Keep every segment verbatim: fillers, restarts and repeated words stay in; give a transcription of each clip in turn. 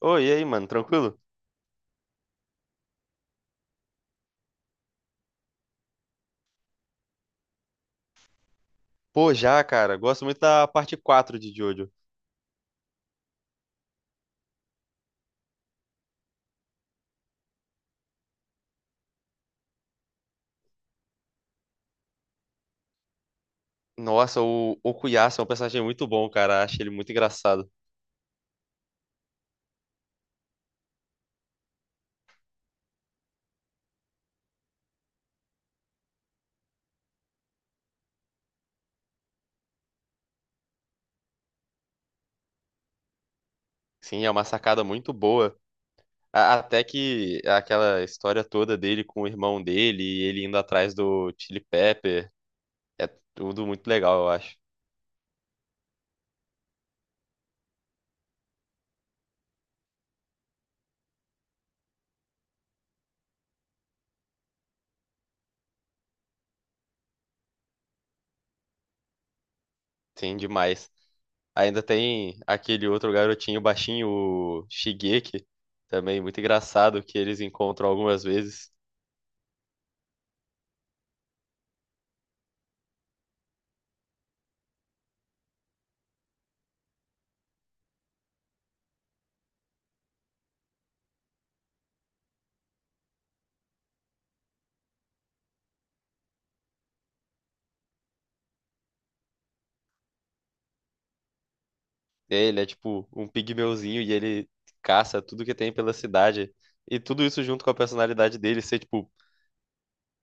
Oi, e aí, mano, tranquilo? Pô, já, cara, gosto muito da parte quatro de Jojo. Nossa, o Okuyasu é um personagem muito bom, cara, acho ele muito engraçado. Sim, é uma sacada muito boa. A- Até que aquela história toda dele com o irmão dele e ele indo atrás do Chili Pepper, é tudo muito legal, eu acho. Sim, demais. Ainda tem aquele outro garotinho baixinho, o Shigeki, também muito engraçado, que eles encontram algumas vezes. É, Ele é tipo um pigmeuzinho e ele caça tudo que tem pela cidade. E tudo isso junto com a personalidade dele ser, tipo,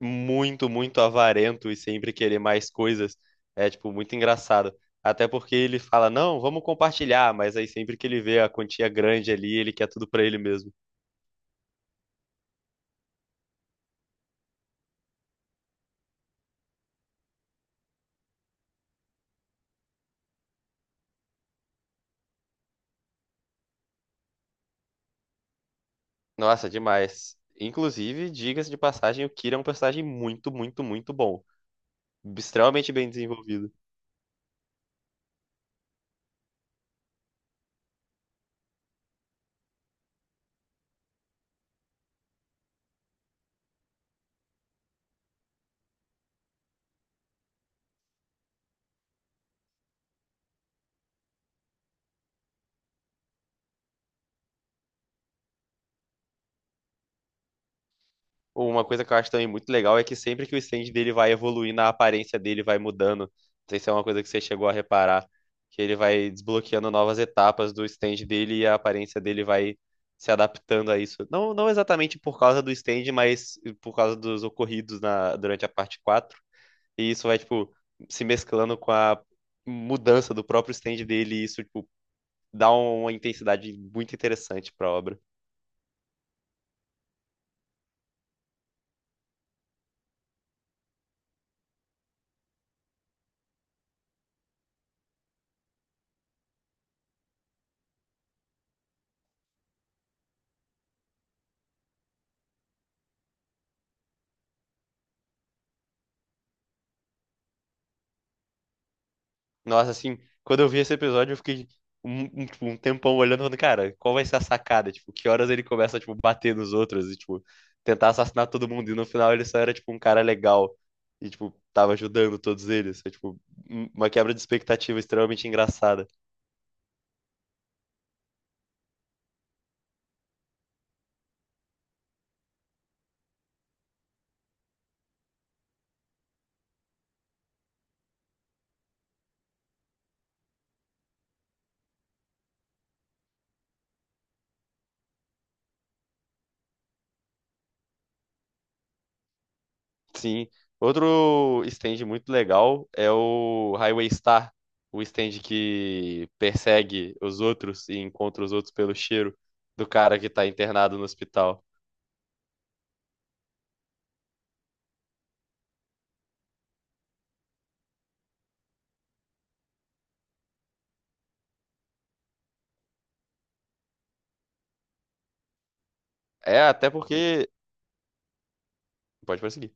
muito, muito avarento e sempre querer mais coisas. É, tipo, muito engraçado. Até porque ele fala, não, vamos compartilhar, mas aí sempre que ele vê a quantia grande ali, ele quer tudo pra ele mesmo. Nossa, demais. Inclusive, diga-se de passagem, o Kira é um personagem muito, muito, muito bom. Extremamente bem desenvolvido. Uma coisa que eu acho também muito legal é que sempre que o stand dele vai evoluindo, a aparência dele vai mudando. Não sei se é uma coisa que você chegou a reparar, que ele vai desbloqueando novas etapas do stand dele e a aparência dele vai se adaptando a isso. Não, não exatamente por causa do stand, mas por causa dos ocorridos na, durante a parte quatro E isso vai, tipo, se mesclando com a mudança do próprio stand dele, e isso, tipo, dá uma intensidade muito interessante pra obra. Nossa, assim, quando eu vi esse episódio, eu fiquei um, um, tipo, um tempão olhando, falando, cara, qual vai ser a sacada? Tipo, que horas ele começa tipo, bater nos outros e, tipo, tentar assassinar todo mundo. E no final ele só era, tipo, um cara legal. E, tipo, tava ajudando todos eles. Foi, tipo, um- uma quebra de expectativa extremamente engraçada. Sim. Outro stand muito legal é o Highway Star. O stand que persegue os outros e encontra os outros pelo cheiro do cara que tá internado no hospital. É, até porque Pode prosseguir.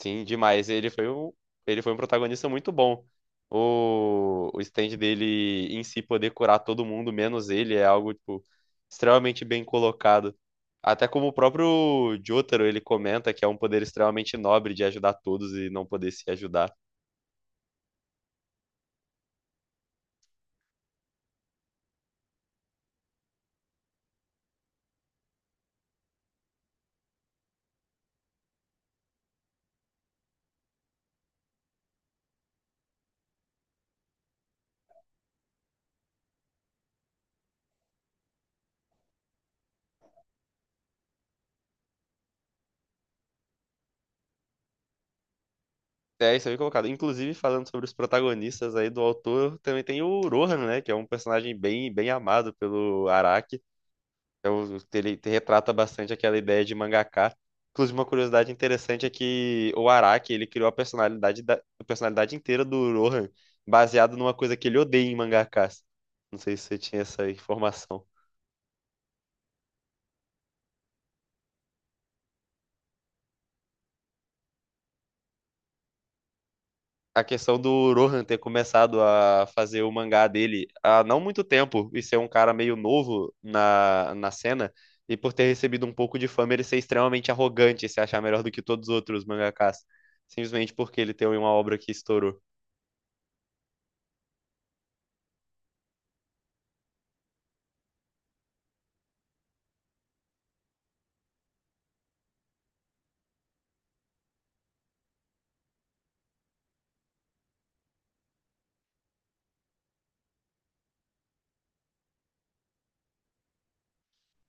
Sim, demais. Ele foi um, ele foi um protagonista muito bom. O, o stand dele em si poder curar todo mundo, menos ele, é algo, tipo, extremamente bem colocado. Até como o próprio Jotaro, ele comenta que é um poder extremamente nobre de ajudar todos e não poder se ajudar. É, isso aí é colocado. Inclusive, falando sobre os protagonistas aí do autor, também tem o Rohan, né? Que é um personagem bem, bem amado pelo Araki. É Ele retrata bastante aquela ideia de mangaka. Inclusive, uma curiosidade interessante é que o Araki, ele criou a personalidade, da, a personalidade inteira do Rohan baseado numa coisa que ele odeia em mangakas. Não sei se você tinha essa informação. A questão do Rohan ter começado a fazer o mangá dele há não muito tempo e ser um cara meio novo na, na cena, e por ter recebido um pouco de fama, ele ser extremamente arrogante e se achar melhor do que todos os outros mangakas, simplesmente porque ele tem uma obra que estourou.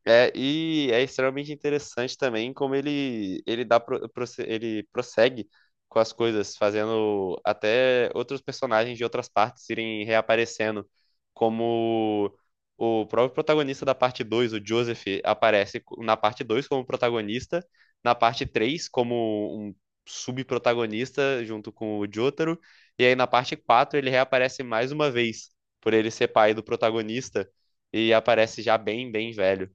É, e é extremamente interessante também como ele ele dá pro- prosse- ele prossegue com as coisas, fazendo até outros personagens de outras partes irem reaparecendo, como o próprio protagonista da parte dois o Joseph, aparece co- na parte dois como protagonista, na parte três como um subprotagonista junto com o Jotaro, e aí na parte quatro ele reaparece mais uma vez, por ele ser pai do protagonista, e aparece já bem, bem velho.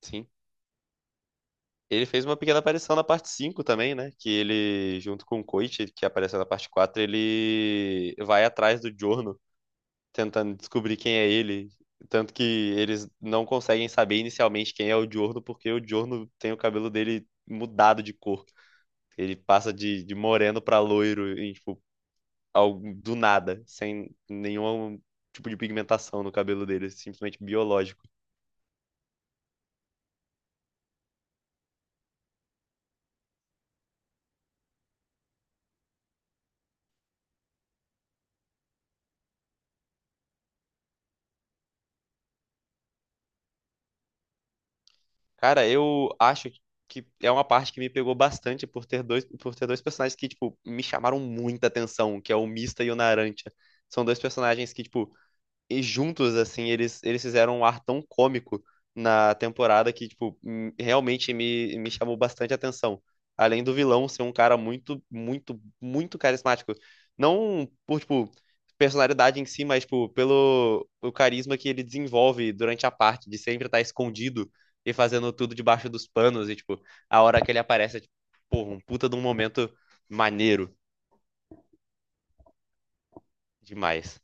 Sim. Ele fez uma pequena aparição na parte cinco também, né? Que ele, junto com o Koichi, que apareceu na parte quatro ele vai atrás do Giorno, tentando descobrir quem é ele. Tanto que eles não conseguem saber inicialmente quem é o Giorno, porque o Giorno tem o cabelo dele mudado de cor. Ele passa de, de moreno pra loiro, em, tipo, ao- do nada, sem nenhum tipo de pigmentação no cabelo dele, simplesmente biológico. Cara, eu acho que é uma parte que me pegou bastante por ter dois, por ter dois personagens que, tipo, me chamaram muita atenção, que é o Mista e o Narantia. São dois personagens que, tipo, e juntos, assim, eles, eles fizeram um ar tão cômico na temporada que, tipo, hum, realmente me, me chamou bastante atenção. Além do vilão ser um cara muito, muito, muito carismático. Não por, tipo, personalidade em si, mas, tipo, pelo o carisma que ele desenvolve durante a parte, de sempre estar escondido e fazendo tudo debaixo dos panos. E, tipo, a hora que ele aparece, é, tipo, porra, um puta de um momento maneiro demais.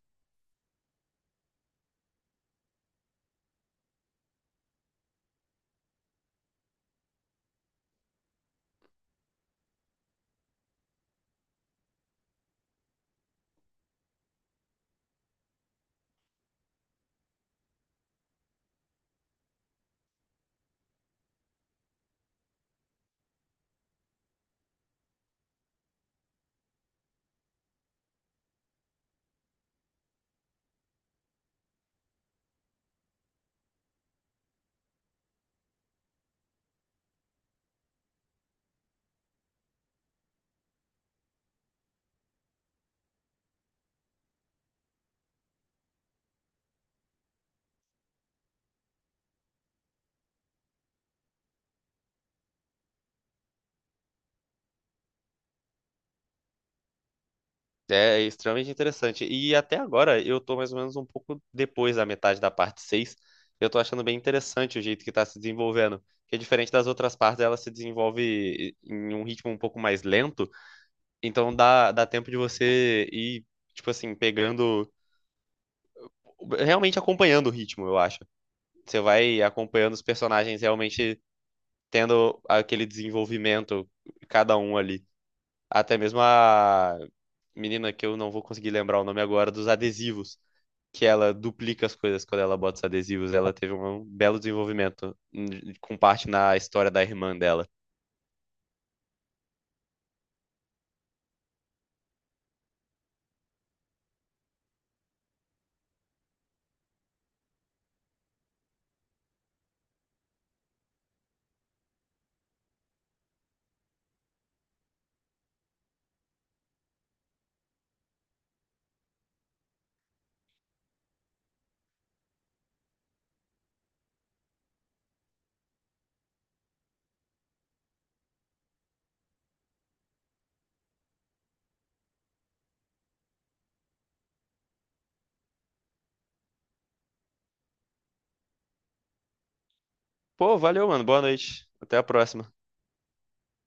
É extremamente interessante. E até agora eu tô mais ou menos um pouco depois da metade da parte seis. Eu tô achando bem interessante o jeito que tá se desenvolvendo. Que é diferente das outras partes, ela se desenvolve em um ritmo um pouco mais lento. Então dá, dá tempo de você ir, tipo assim, pegando. Realmente acompanhando o ritmo, eu acho. Você vai acompanhando os personagens realmente tendo aquele desenvolvimento, cada um ali. Até mesmo a menina que eu não vou conseguir lembrar o nome agora, dos adesivos que ela duplica as coisas quando ela bota os adesivos. Ela teve um um belo desenvolvimento hum, com parte na história da irmã dela. Pô, valeu, mano. Boa noite. Até a próxima.